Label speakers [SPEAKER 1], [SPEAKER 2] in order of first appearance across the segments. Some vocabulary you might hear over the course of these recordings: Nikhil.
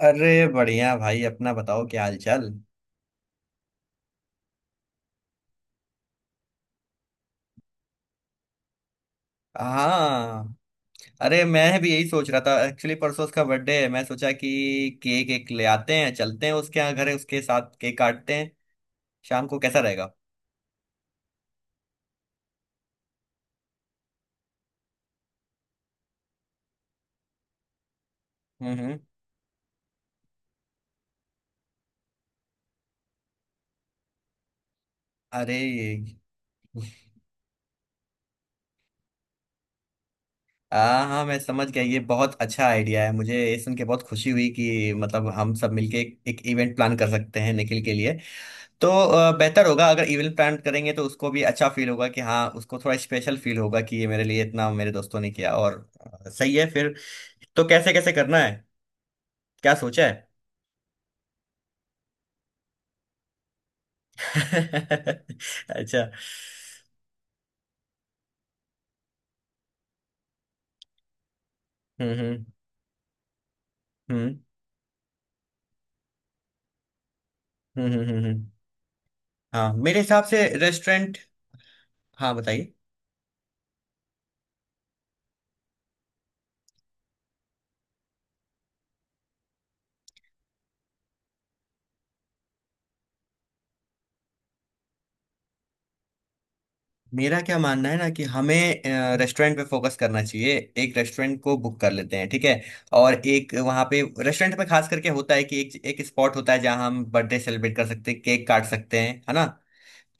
[SPEAKER 1] अरे बढ़िया भाई अपना बताओ क्या हाल चाल। हाँ। अरे मैं भी यही सोच रहा था एक्चुअली परसों उसका बर्थडे है। मैं सोचा कि केक एक ले आते हैं चलते हैं उसके यहाँ घर है उसके साथ केक काटते हैं। शाम को कैसा रहेगा। हम्म। अरे हाँ हाँ मैं समझ गया ये बहुत अच्छा आइडिया है। मुझे ये सुन के बहुत खुशी हुई कि मतलब हम सब मिलके एक इवेंट प्लान कर सकते हैं निखिल के लिए। तो बेहतर होगा अगर इवेंट प्लान करेंगे तो उसको भी अच्छा फील होगा कि हाँ उसको थोड़ा स्पेशल फील होगा कि ये मेरे लिए इतना मेरे दोस्तों ने किया। और सही है फिर। तो कैसे कैसे करना है। क्या सोचा है? अच्छा। हम्म हम्म हम्म हम्म हम्म हम्म, हम्म। हाँ, मेरे हिसाब से रेस्टोरेंट। हाँ बताइए। मेरा क्या मानना है ना कि हमें रेस्टोरेंट पे फोकस करना चाहिए। एक रेस्टोरेंट को बुक कर लेते हैं ठीक है। और एक वहाँ पे रेस्टोरेंट पे खास करके होता है कि एक एक स्पॉट होता है जहाँ हम बर्थडे सेलिब्रेट कर सकते हैं केक काट सकते हैं है ना।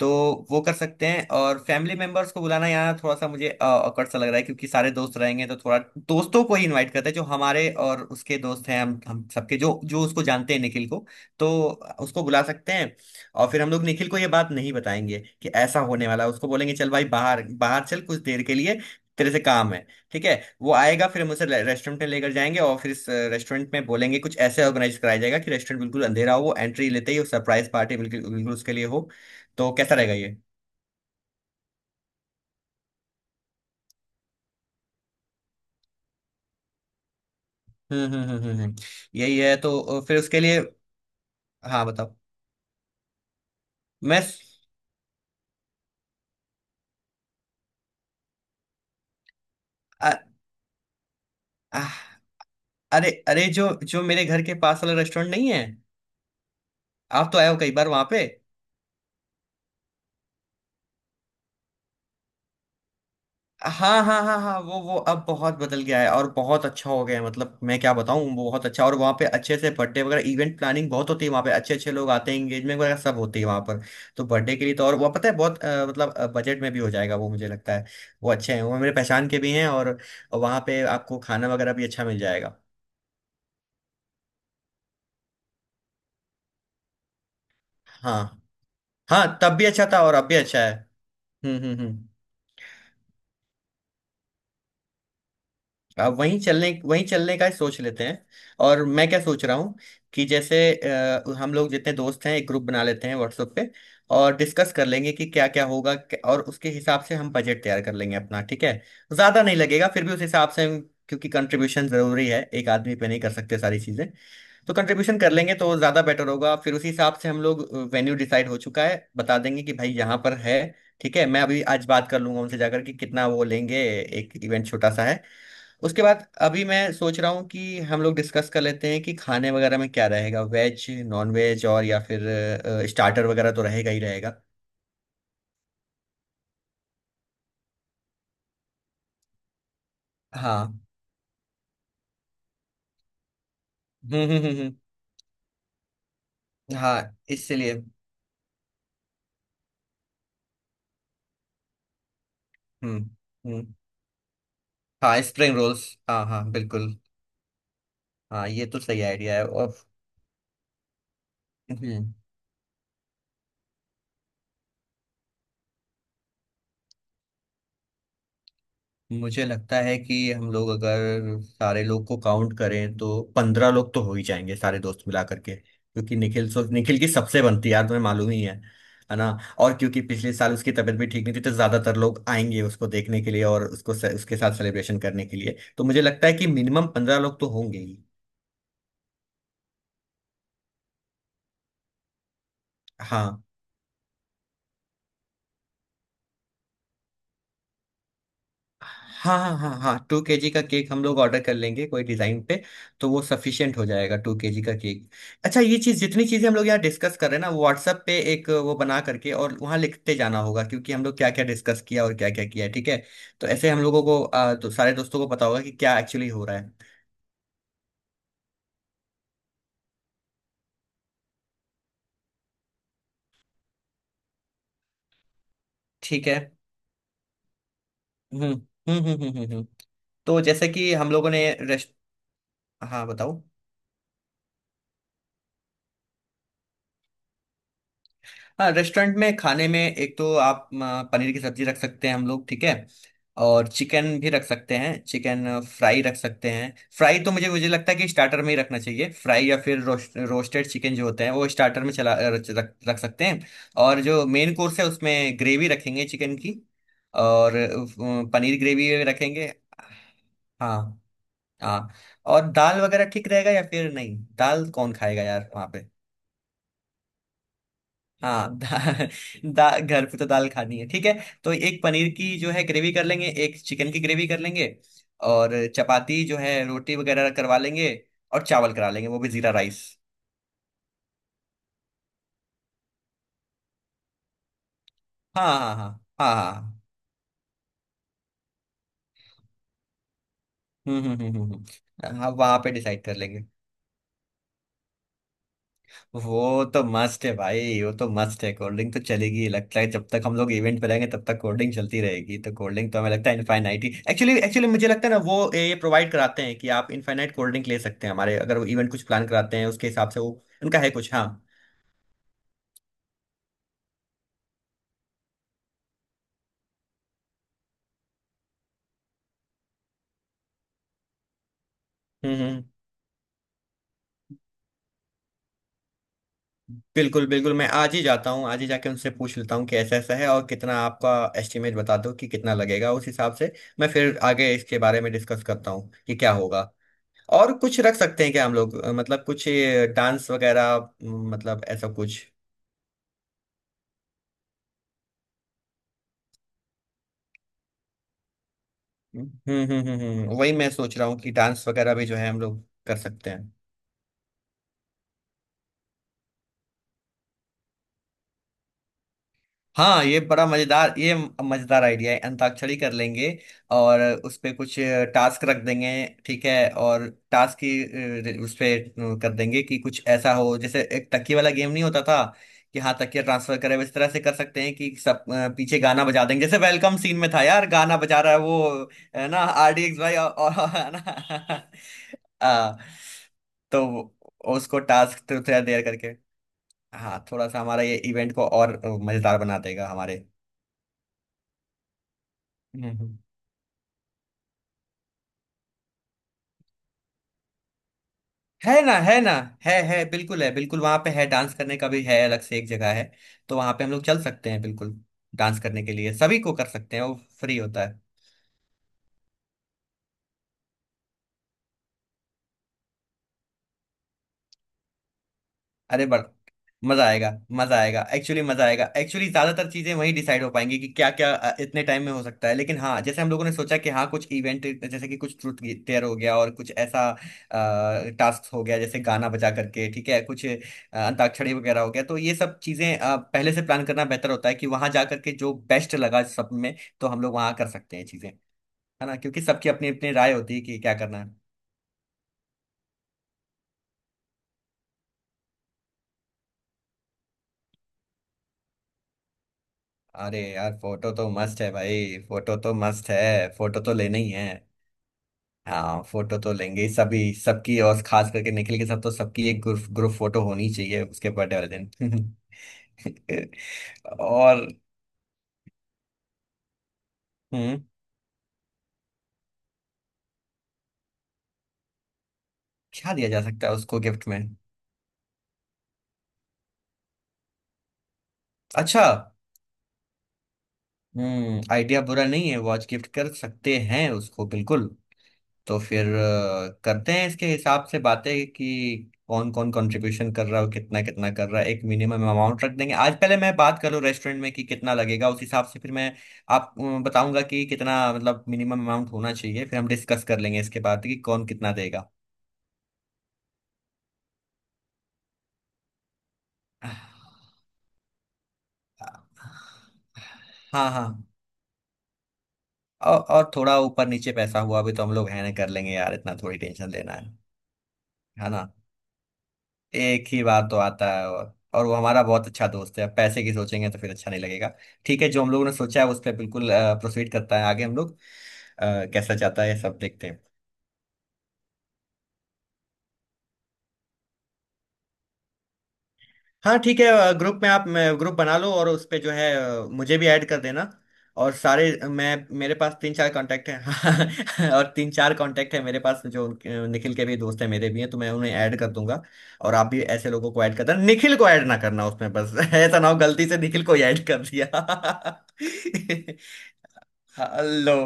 [SPEAKER 1] तो वो कर सकते हैं। और फैमिली मेंबर्स को बुलाना यहाँ थोड़ा सा मुझे awkward सा लग रहा है क्योंकि सारे दोस्त रहेंगे तो थोड़ा दोस्तों को ही इनवाइट करते हैं जो हमारे और उसके दोस्त हैं हम सबके जो जो उसको जानते हैं निखिल को। तो उसको बुला सकते हैं। और फिर हम लोग निखिल को ये बात नहीं बताएंगे कि ऐसा होने वाला है। उसको बोलेंगे चल भाई बाहर बाहर चल कुछ देर के लिए तेरे से काम है ठीक है। वो आएगा फिर हम उसे रेस्टोरेंट में लेकर जाएंगे और फिर इस रेस्टोरेंट में बोलेंगे कुछ ऐसे ऑर्गेनाइज कराया जाएगा कि रेस्टोरेंट बिल्कुल अंधेरा हो, वो एंट्री लेते ही सरप्राइज पार्टी बिल्कुल बिल्कुल उसके लिए हो। तो कैसा रहेगा ये? हम्म हम्म हम्म हम्म हम्म। यही है तो फिर उसके लिए। हाँ बताओ। मैं। अ- अ- अरे अरे जो जो मेरे घर के पास वाला रेस्टोरेंट नहीं है, आप तो आए हो कई बार वहां पे। हाँ हाँ हाँ हाँ वो अब बहुत बदल गया है और बहुत अच्छा हो गया है। मतलब मैं क्या बताऊँ वो बहुत अच्छा, और वहाँ पे अच्छे से बर्थडे वगैरह इवेंट प्लानिंग बहुत होती है वहाँ पे, अच्छे अच्छे लोग आते हैं एंगेजमेंट वगैरह सब होती है वहाँ पर। तो बर्थडे के लिए तो, और वो पता है बहुत मतलब बजट में भी हो जाएगा वो मुझे लगता है। वो अच्छे हैं वो मेरे पहचान के भी हैं। और वहाँ पे आपको खाना वगैरह भी अच्छा मिल जाएगा। हाँ। हाँ तब भी अच्छा था और अब भी अच्छा है। हम्म। अब वहीं चलने का ही सोच लेते हैं। और मैं क्या सोच रहा हूँ कि जैसे हम लोग जितने दोस्त हैं एक ग्रुप बना लेते हैं व्हाट्सएप पे, और डिस्कस कर लेंगे कि क्या क्या होगा और उसके हिसाब से हम बजट तैयार कर लेंगे अपना ठीक है। ज़्यादा नहीं लगेगा फिर भी उस क्योंकि कंट्रीब्यूशन ज़रूरी है, एक आदमी पे नहीं कर सकते सारी चीज़ें। तो कंट्रीब्यूशन कर लेंगे तो ज़्यादा बेटर होगा, फिर उसी हिसाब से हम लोग वेन्यू डिसाइड हो चुका है बता देंगे कि भाई यहाँ पर है ठीक है। मैं अभी आज बात कर लूंगा उनसे जाकर कि कितना वो लेंगे, एक इवेंट छोटा सा है। उसके बाद अभी मैं सोच रहा हूँ कि हम लोग डिस्कस कर लेते हैं कि खाने वगैरह में क्या रहेगा, वेज नॉन वेज, और या फिर स्टार्टर वगैरह तो रहेगा ही रहेगा। हाँ। हम्म हम्म हम्म हाँ इसलिए। हम्म हम्म। हाँ स्प्रिंग रोल्स हाँ हाँ बिल्कुल। हाँ ये तो सही आइडिया है। और हम्म। मुझे लगता है कि हम लोग अगर सारे लोग को काउंट करें तो पंद्रह लोग तो हो ही जाएंगे सारे दोस्त मिला करके, क्योंकि निखिल की सबसे बनती है यार तुम्हें मालूम ही है। है ना। और क्योंकि पिछले साल उसकी तबीयत भी ठीक नहीं थी तो ज्यादातर लोग आएंगे उसको देखने के लिए और उसके साथ सेलिब्रेशन करने के लिए। तो मुझे लगता है कि मिनिमम 15 लोग तो होंगे ही। हाँ हाँ हाँ हाँ हाँ, 2 केजी का केक हम लोग ऑर्डर कर लेंगे कोई डिजाइन पे। तो वो सफिशियंट हो जाएगा 2 केजी का केक। अच्छा ये चीज जितनी चीजें हम लोग यहाँ डिस्कस कर रहे हैं ना व्हाट्सएप पे एक वो बना करके और वहाँ लिखते जाना होगा, क्योंकि हम लोग क्या क्या डिस्कस किया और क्या क्या किया है ठीक है। तो ऐसे हम लोगों को तो सारे दोस्तों को पता होगा कि क्या एक्चुअली हो रहा है। ठीक है। हम्म हम्म हम्म हम्म हम्म हम्म। तो जैसे कि हम लोगों ने रेस्ट। हाँ बताओ। हाँ रेस्टोरेंट में खाने में एक तो आप पनीर की सब्जी रख सकते हैं हम लोग ठीक है। और चिकन भी रख सकते हैं, चिकन फ्राई रख सकते हैं। फ्राई तो मुझे मुझे लगता है कि स्टार्टर में ही रखना चाहिए, फ्राई या फिर रोस्टेड चिकन जो होते हैं वो स्टार्टर में चला रख, रख रख सकते हैं। और जो मेन कोर्स है उसमें ग्रेवी रखेंगे चिकन की। और पनीर ग्रेवी रखेंगे। हाँ। हाँ। और दाल वगैरह ठीक रहेगा, या फिर नहीं दाल कौन खाएगा यार वहाँ पे? हाँ घर पे तो दाल खानी है ठीक है। तो एक पनीर की जो है ग्रेवी कर लेंगे, एक चिकन की ग्रेवी कर लेंगे। और चपाती जो है रोटी वगैरह करवा लेंगे। और चावल करा लेंगे वो भी जीरा राइस। हाँ हाँ हाँ हाँ हाँ हाँ, हाँ वहाँ पे डिसाइड कर लेंगे। वो तो मस्त है भाई, वो तो मस्त है, कोल्ड ड्रिंक तो चलेगी लगता है, जब तक हम लोग इवेंट पे रहेंगे तब तक कोल्ड ड्रिंक चलती रहेगी। तो कोल्ड ड्रिंक तो हमें लगता है इनफाइनाइट ही एक्चुअली। एक्चुअली मुझे लगता है ना वो ये प्रोवाइड कराते हैं कि आप इनफाइनाइट कोल्ड ड्रिंक ले सकते हैं हमारे, अगर वो इवेंट कुछ प्लान कराते हैं उसके हिसाब से वो उनका है कुछ हाँ। हम्म। बिल्कुल बिल्कुल मैं आज ही जाता हूँ, आज ही जाके उनसे पूछ लेता हूँ कि ऐसा ऐसा है और कितना आपका एस्टिमेट बता दो कि कितना लगेगा उस हिसाब से। मैं फिर आगे इसके बारे में डिस्कस करता हूँ कि क्या होगा। और कुछ रख सकते हैं क्या हम लोग मतलब कुछ ये डांस वगैरह, मतलब ऐसा कुछ। वही मैं सोच रहा हूँ कि डांस वगैरह भी जो है हम लोग कर सकते हैं। हाँ ये बड़ा मजेदार, ये मजेदार आइडिया है, अंताक्षरी कर लेंगे। और उस पे कुछ टास्क रख देंगे ठीक है। और टास्क की उस पे कर देंगे कि कुछ ऐसा हो जैसे एक तकिया वाला गेम नहीं होता था कि हाँ तकिया ट्रांसफर करे, इस तरह से कर सकते हैं कि सब पीछे गाना बजा देंगे जैसे वेलकम सीन में था यार गाना बजा रहा है वो, है ना आरडीएक्स भाई है ना। आ, तो उसको टास्क तो थोड़ा देर करके। हाँ थोड़ा सा हमारा ये इवेंट को और मजेदार बना देगा हमारे। हम्म। है ना, है ना। है बिल्कुल है, बिल्कुल वहां पे है डांस करने का भी, है अलग से एक जगह है। तो वहां पे हम लोग चल सकते हैं बिल्कुल। डांस करने के लिए सभी को कर सकते हैं वो फ्री होता है। अरे बड़ मजा आएगा, मजा आएगा एक्चुअली, मजा आएगा एक्चुअली। ज्यादातर चीजें वहीं डिसाइड हो पाएंगी कि क्या क्या इतने टाइम में हो सकता है। लेकिन हाँ जैसे हम लोगों ने सोचा कि हाँ कुछ इवेंट जैसे कि कुछ ट्रूथ टेयर हो गया और कुछ ऐसा टास्क हो गया जैसे गाना बजा करके ठीक है कुछ अंताक्षरी वगैरह हो गया, तो ये सब चीजें पहले से प्लान करना बेहतर होता है कि वहां जा करके जो बेस्ट लगा सब में, तो हम लोग वहां कर सकते हैं चीजें, है ना, क्योंकि सबकी अपनी अपनी राय होती है कि क्या करना है। अरे यार फोटो तो मस्त है भाई, फोटो तो मस्त है, फोटो तो लेना ही है। हाँ फोटो तो लेंगे ही सभी सबकी, और खास करके निखिल के साथ तो सबकी एक ग्रुप ग्रुप फोटो होनी चाहिए उसके बर्थडे वाले दिन। और हम्म। क्या दिया जा सकता है उसको गिफ्ट में? अच्छा। आइडिया बुरा नहीं है, वॉच गिफ्ट कर सकते हैं उसको बिल्कुल। तो फिर करते हैं इसके हिसाब से बातें कि कौन कौन कंट्रीब्यूशन कर रहा है और कितना कितना कर रहा है, एक मिनिमम अमाउंट रख देंगे। आज पहले मैं बात करूँ रेस्टोरेंट में कि कितना लगेगा उस हिसाब से, फिर मैं आप बताऊंगा कि कितना मतलब मिनिमम अमाउंट होना चाहिए, फिर हम डिस्कस कर लेंगे इसके बाद कि कौन कितना देगा। हाँ हाँ। और थोड़ा ऊपर नीचे पैसा हुआ भी तो हम लोग है ना कर लेंगे यार, इतना थोड़ी टेंशन लेना है ना। एक ही बार तो आता है, और वो हमारा बहुत अच्छा दोस्त है, पैसे की सोचेंगे तो फिर अच्छा नहीं लगेगा। ठीक है जो हम लोगों ने सोचा है उस पर बिल्कुल प्रोसीड करता है आगे हम लोग, कैसा जाता है सब देखते हैं। हाँ ठीक है। ग्रुप में आप ग्रुप बना लो और उस पे जो है मुझे भी ऐड कर देना, और सारे मैं मेरे पास 3-4 कांटेक्ट हैं और 3-4 कांटेक्ट है मेरे पास जो निखिल के भी दोस्त हैं मेरे भी हैं, तो मैं उन्हें ऐड कर दूंगा। और आप भी ऐसे लोगों को ऐड कर देना, निखिल को ऐड ना करना उसमें बस ऐसा ना हो गलती से निखिल को ही ऐड कर दिया। हेलो।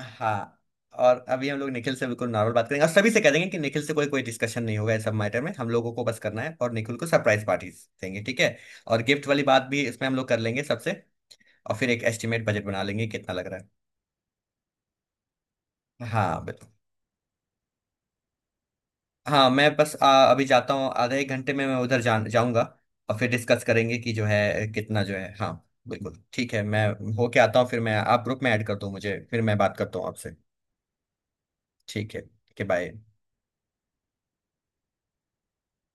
[SPEAKER 1] हाँ। और अभी हम लोग निखिल से बिल्कुल नॉर्मल बात करेंगे और सभी से कह देंगे कि निखिल से कोई कोई डिस्कशन नहीं होगा इस सब मैटर में, हम लोगों को बस करना है और निखिल को सरप्राइज पार्टी देंगे ठीक है। और गिफ्ट वाली बात भी इसमें हम लोग कर लेंगे सबसे, और फिर एक एस्टिमेट बजट बना लेंगे कितना लग रहा है। हाँ बिल्कुल। हाँ मैं बस अभी जाता हूँ, आधे-एक घंटे में मैं उधर जाऊंगा, और फिर डिस्कस करेंगे कि जो है कितना जो है हाँ। बिल्कुल ठीक है, मैं होके आता हूँ फिर मैं आप ग्रुप में ऐड कर दो मुझे, फिर मैं बात करता हूँ आपसे। ठीक है बाय।